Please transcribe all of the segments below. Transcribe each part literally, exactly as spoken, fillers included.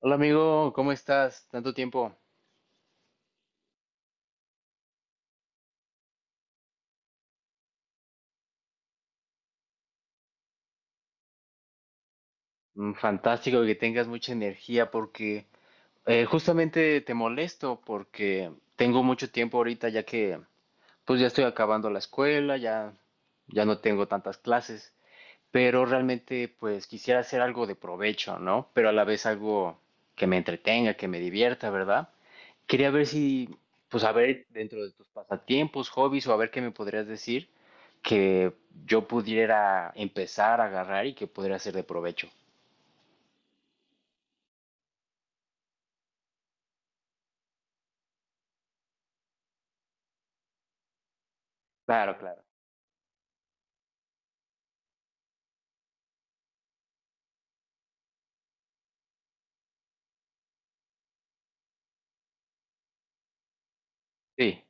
Hola amigo, ¿cómo estás? Tanto tiempo. Mm, Fantástico que tengas mucha energía porque eh, justamente te molesto porque tengo mucho tiempo ahorita ya que pues ya estoy acabando la escuela, ya ya no tengo tantas clases, pero realmente pues quisiera hacer algo de provecho, ¿no? Pero a la vez algo que me entretenga, que me divierta, ¿verdad? Quería ver si, pues a ver, dentro de tus pasatiempos, hobbies o a ver qué me podrías decir que yo pudiera empezar a agarrar y que pudiera ser de provecho. Claro, claro. Sí.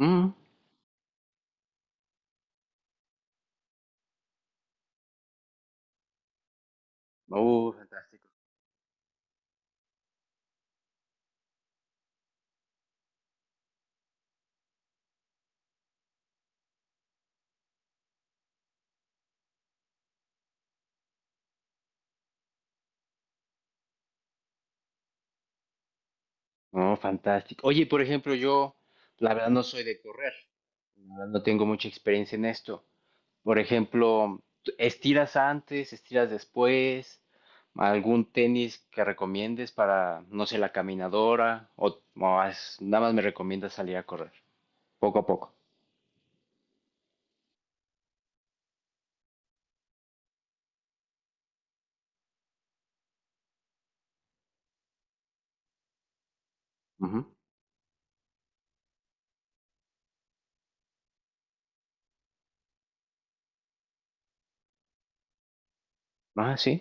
Mm. Uh, fantástico. No, fantástico. Oye, por ejemplo, yo la verdad no soy de correr, la verdad no tengo mucha experiencia en esto. Por ejemplo, estiras antes, estiras después, algún tenis que recomiendes para, no sé, la caminadora o, o has- nada más me recomiendas salir a correr poco a poco. Ujú. Ah, sí.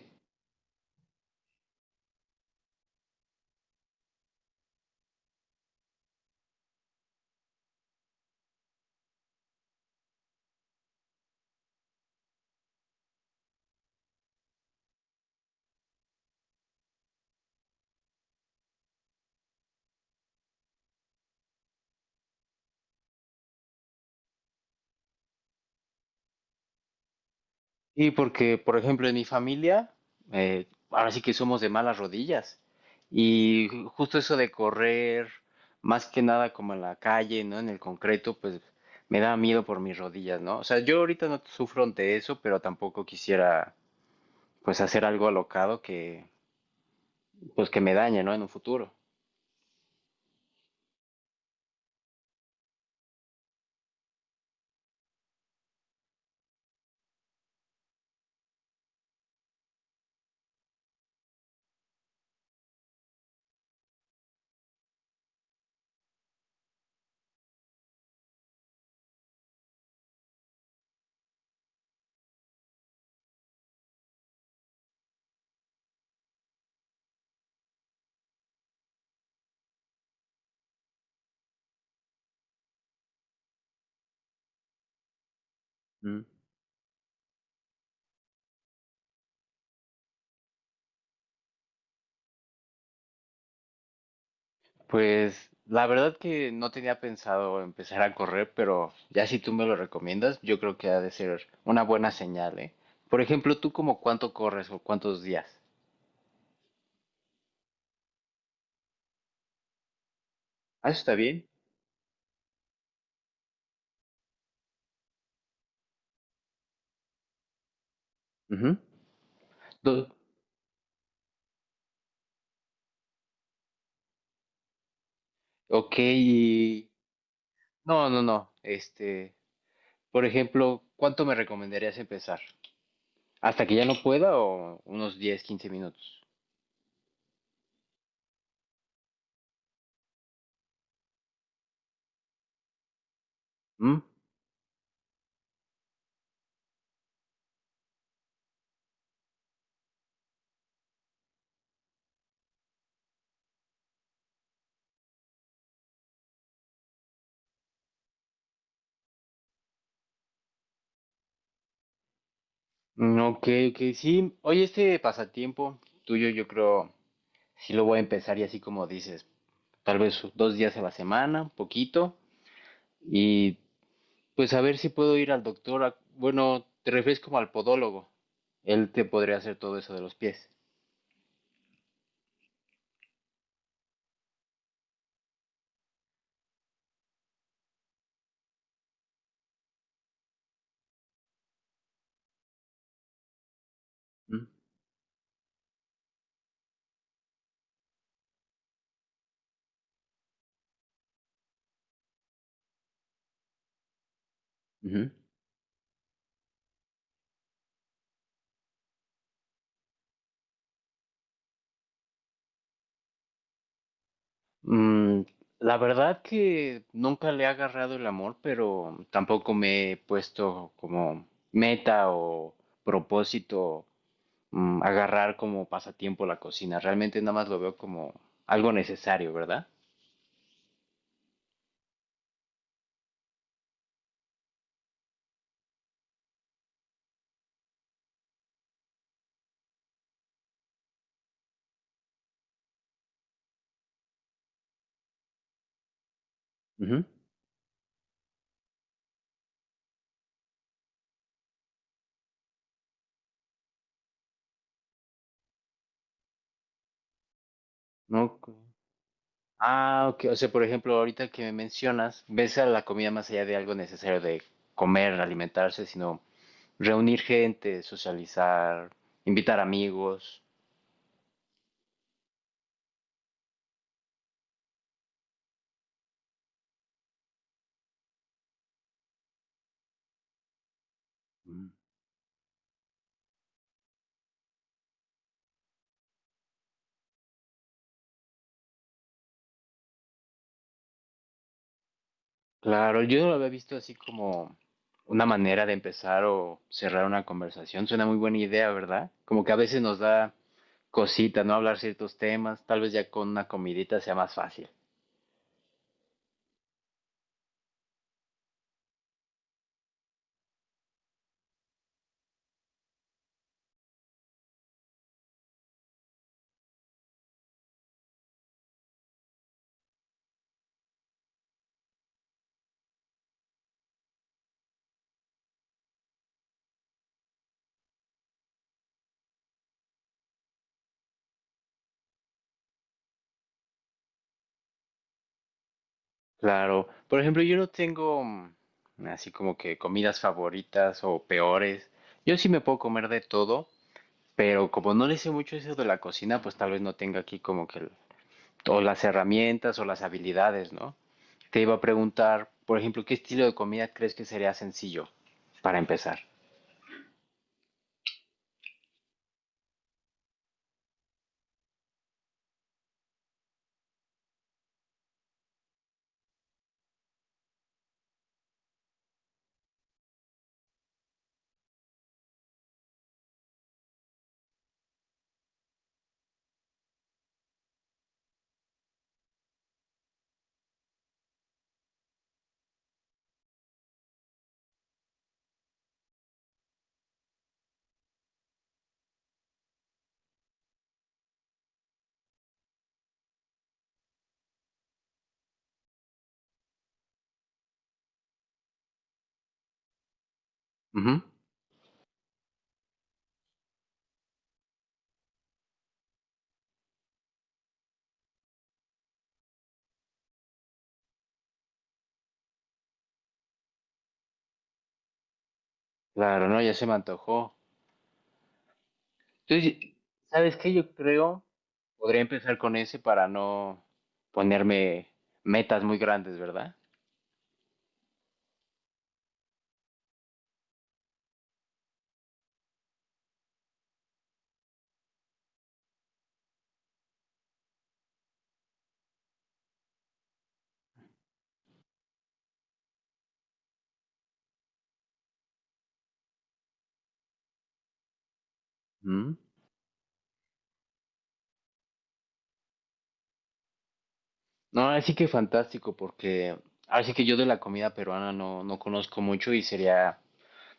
Y porque, por ejemplo, en mi familia, eh, ahora sí que somos de malas rodillas. Y ju- justo eso de correr, más que nada como en la calle, ¿no? En el concreto, pues me da miedo por mis rodillas, ¿no? O sea, yo ahorita no sufro de eso, pero tampoco quisiera pues hacer algo alocado que, pues que me dañe, ¿no? En un futuro. ¿Mm? Pues la verdad que no tenía pensado empezar a correr, pero ya si tú me lo recomiendas, yo creo que ha de ser una buena señal, ¿eh? Por ejemplo, ¿tú como cuánto corres o cuántos días? Ah, eso está bien. Ujú. Do- Ok, y... No, no, no. Este, por ejemplo, ¿cuánto me recomendarías empezar? ¿Hasta que ya no pueda o unos diez, quince minutos? ¿Mm? Mm, Ok, ok, sí. Oye, este pasatiempo tuyo, yo creo, sí lo voy a empezar y así como dices, tal vez dos días a la semana, un poquito, y pues a ver si puedo ir al doctor. A- bueno, te refieres como al podólogo. Él te podría hacer todo eso de los pies. Mm, ujú. Mm, la verdad que nunca le he agarrado el amor, pero tampoco me he puesto como meta o propósito mm, agarrar como pasatiempo la cocina. Realmente nada más lo veo como algo necesario, ¿verdad? Ujú. No. co- Ah, ok. O sea, por ejemplo, ahorita que me mencionas, ves a la comida más allá de algo necesario de comer, alimentarse, sino reunir gente, socializar, invitar amigos. Mm. Claro, yo no lo había visto así como una manera de empezar o cerrar una conversación. Suena muy buena idea, ¿verdad? Como que a veces nos da cositas, ¿no? Hablar ciertos temas, tal vez ya con una comidita sea más fácil. Claro, por ejemplo, yo no tengo mm, así como que comidas favoritas o peores. Yo sí me puedo comer de todo, pero como no le sé mucho eso de la cocina, pues tal vez no tenga aquí como que el- o las herramientas o las habilidades, ¿no? Te iba a preguntar, por ejemplo, ¿qué estilo de comida crees que sería sencillo para empezar? Ujú. Claro, no, ya se me antojó. Entonces, ¿sabes qué? Yo creo, podría empezar con ese para no ponerme metas muy grandes, ¿verdad? ¿Mm? No, así que fantástico, porque así que yo de la comida peruana no, no conozco mucho y sería,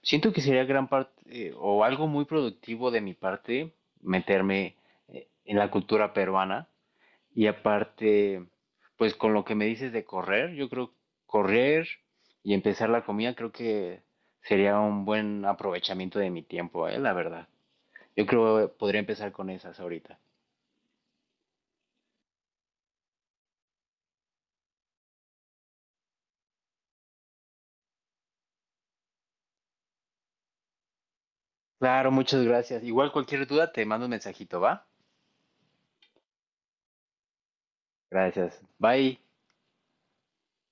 siento que sería gran parte eh, o algo muy productivo de mi parte meterme eh, en la cultura peruana. Y aparte, pues con lo que me dices de correr, yo creo correr y empezar la comida, creo que sería un buen aprovechamiento de mi tiempo, eh, la verdad. Yo creo que podría empezar con esas ahorita. Claro, muchas gracias. Igual cualquier duda te mando un mensajito, ¿va? Gracias. Bye.